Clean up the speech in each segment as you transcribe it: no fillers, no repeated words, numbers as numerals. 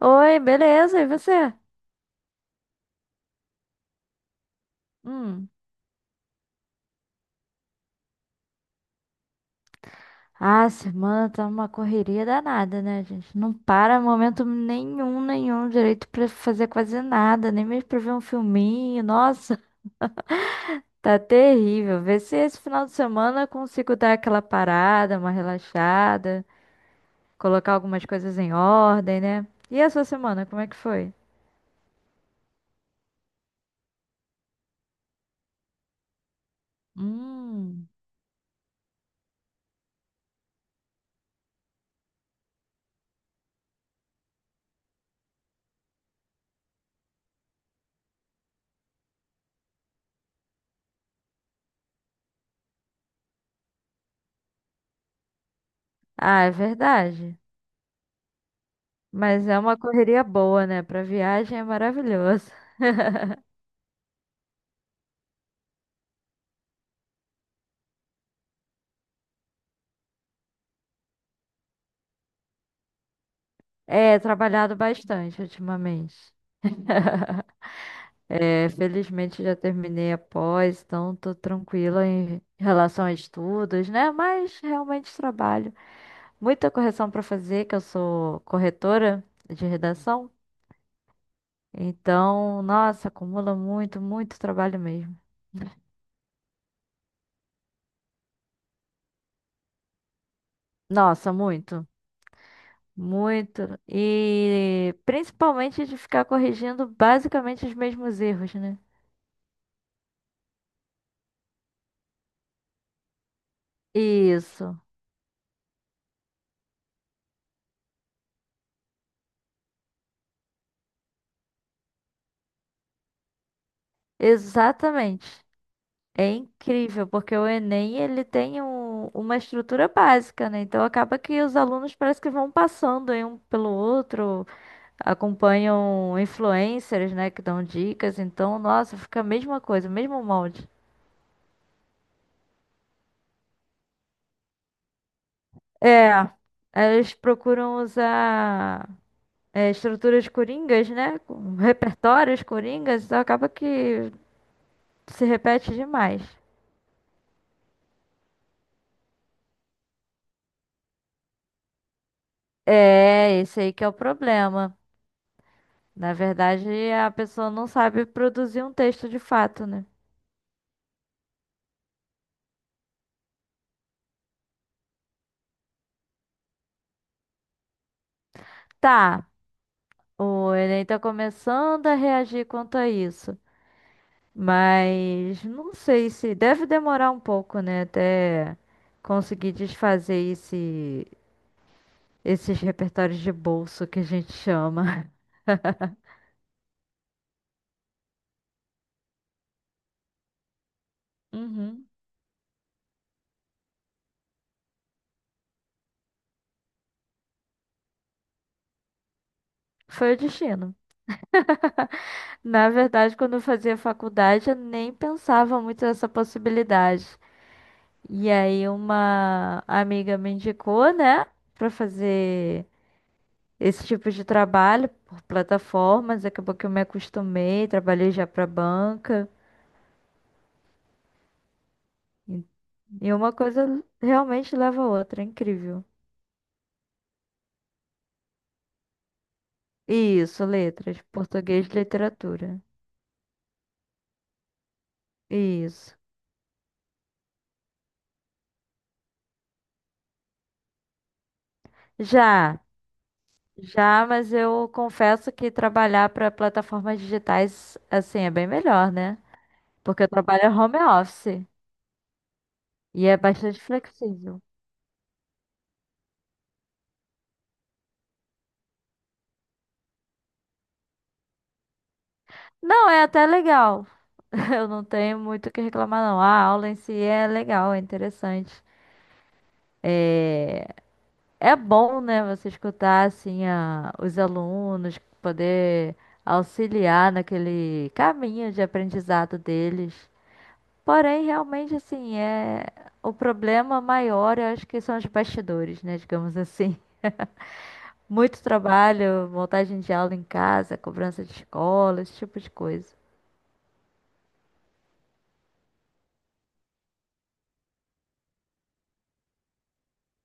Oi, beleza? E você? Hum. Ah, semana tá uma correria danada, né, gente? Não para momento nenhum, nenhum direito pra fazer quase nada, nem mesmo pra ver um filminho. Nossa, tá terrível. Vê se esse final de semana eu consigo dar aquela parada, uma relaxada, colocar algumas coisas em ordem, né? E a sua semana, como é que foi? Hum. Ah, é verdade. Mas é uma correria boa, né? Pra viagem é maravilhoso. É, trabalhado bastante ultimamente. É, felizmente já terminei a pós, então tô tranquila em relação a estudos, né? Mas realmente trabalho. Muita correção para fazer, que eu sou corretora de redação. Então, nossa, acumula muito, muito trabalho mesmo. Nossa, muito, muito. E principalmente de ficar corrigindo basicamente os mesmos erros, né? Isso, exatamente. É incrível, porque o Enem uma estrutura básica, né? Então acaba que os alunos parece que vão passando em um pelo outro, acompanham influencers, né, que dão dicas. Então, nossa, fica a mesma coisa, o mesmo molde. É, eles procuram usar estruturas coringas, né, com repertórios coringas, então acaba que se repete demais. É, esse aí que é o problema. Na verdade, a pessoa não sabe produzir um texto de fato, né? Tá, o Enem tá começando a reagir quanto a isso, mas não sei se deve demorar um pouco, né, até conseguir desfazer esses repertórios de bolso que a gente chama. Uhum. Foi o destino. Na verdade, quando eu fazia faculdade, eu nem pensava muito nessa possibilidade. E aí uma amiga me indicou, né, pra fazer esse tipo de trabalho por plataformas, acabou que eu me acostumei, trabalhei já para banca. E e uma coisa realmente leva a outra, é incrível. Isso, letras, português e literatura. Isso. Já, já, mas eu confesso que trabalhar para plataformas digitais assim é bem melhor, né? Porque eu trabalho home office e é bastante flexível. Não, é até legal. Eu não tenho muito o que reclamar, não. A aula em si é legal, é interessante. É bom, né, você escutar assim os alunos, poder auxiliar naquele caminho de aprendizado deles. Porém, realmente assim, o problema maior, eu acho que são os bastidores, né, digamos assim. Muito trabalho, montagem de aula em casa, cobrança de escola, esse tipo de coisa.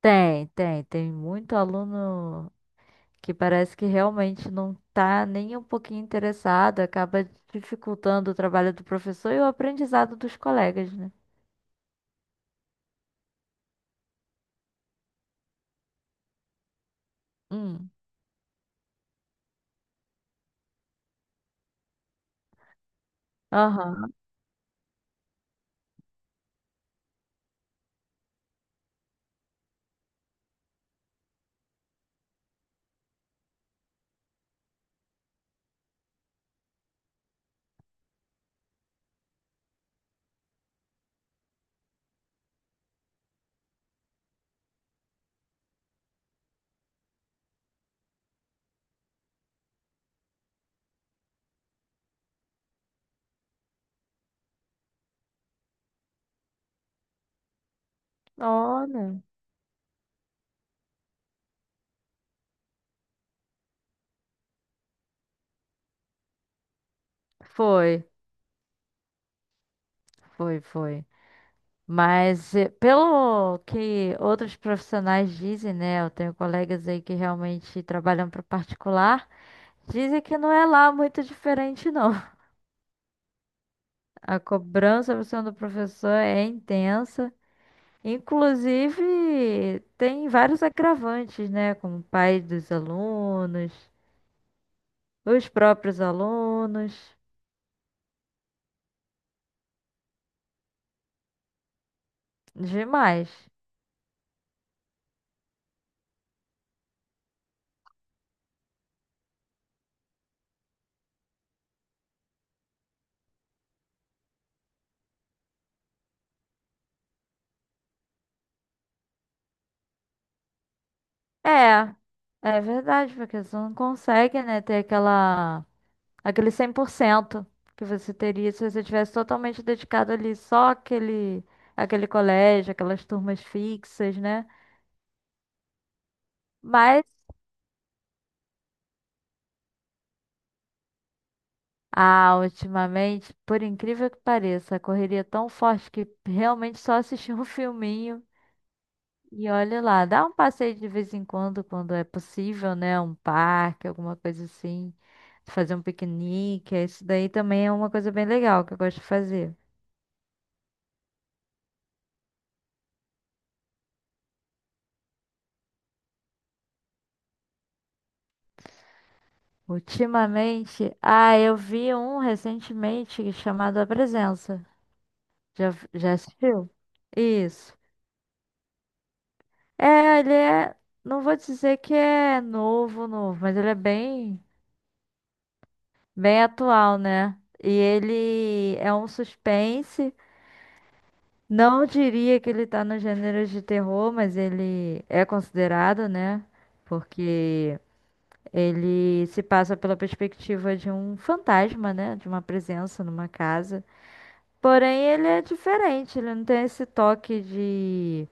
Tem, tem, tem muito aluno que parece que realmente não tá nem um pouquinho interessado, acaba dificultando o trabalho do professor e o aprendizado dos colegas, né? Hum. Aham. Olha. Foi, foi, foi. Mas pelo que outros profissionais dizem, né? Eu tenho colegas aí que realmente trabalham para o particular, dizem que não é lá muito diferente, não. A cobrança por cima do professor é intensa. Inclusive, tem vários agravantes, né? Como pais dos alunos, os próprios alunos, demais. É, é verdade, porque você não consegue, né, ter aquele 100% que você teria se você tivesse totalmente dedicado ali só aquele colégio, aquelas turmas fixas, né? Mas, ah, ultimamente, por incrível que pareça, a correria é tão forte que realmente só assistir um filminho. E olha lá, dá um passeio de vez em quando, quando é possível, né? Um parque, alguma coisa assim. Fazer um piquenique. É isso daí também, é uma coisa bem legal que eu gosto de fazer. Ultimamente, ah, eu vi um recentemente chamado A Presença. Já, já assistiu? Isso. É, ele é. Não vou dizer que é novo, novo, mas ele é bem, bem atual, né? E ele é um suspense. Não diria que ele tá no gênero de terror, mas ele é considerado, né? Porque ele se passa pela perspectiva de um fantasma, né? De uma presença numa casa. Porém, ele é diferente, ele não tem esse toque de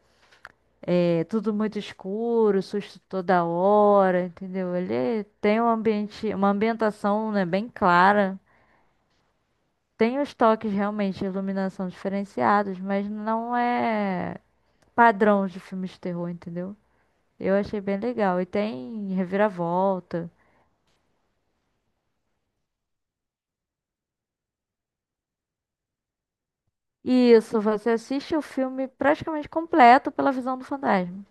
tudo muito escuro, susto toda hora, entendeu? Ele tem um ambiente, uma ambientação, né, bem clara. Tem os toques realmente de iluminação diferenciados, mas não é padrão de filmes de terror, entendeu? Eu achei bem legal. E tem reviravolta. Isso, você assiste o filme praticamente completo pela visão do fantasma.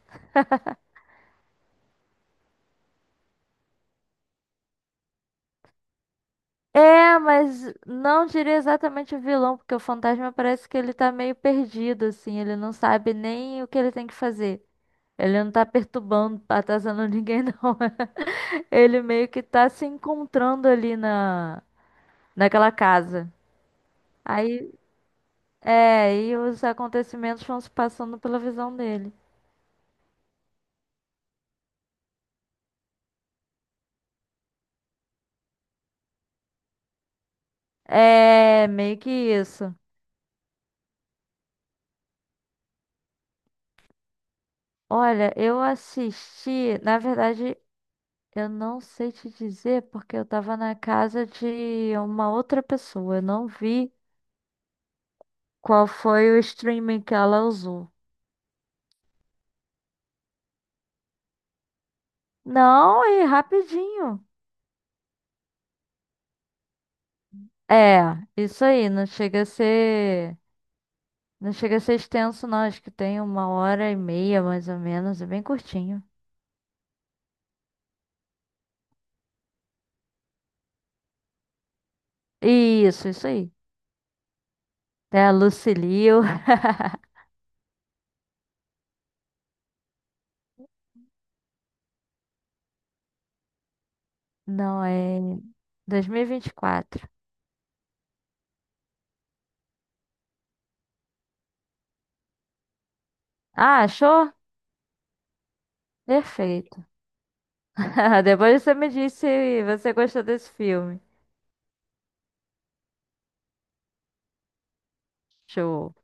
É, mas não diria exatamente o vilão, porque o fantasma parece que ele tá meio perdido, assim, ele não sabe nem o que ele tem que fazer. Ele não tá perturbando, atazanando ninguém, não. Ele meio que tá se encontrando ali naquela casa. Aí é, e os acontecimentos vão se passando pela visão dele. É, meio que isso. Olha, eu assisti, na verdade, eu não sei te dizer porque eu tava na casa de uma outra pessoa. Eu não vi qual foi o streaming que ela usou. Não, e rapidinho. É, isso aí, não chega a ser, não chega a ser extenso, não. Acho que tem 1 hora e meia, mais ou menos, é bem curtinho. Isso aí. É a Lucilio, não, é 2024. Ah, achou? Perfeito. Depois você me disse se você gostou desse filme. Show.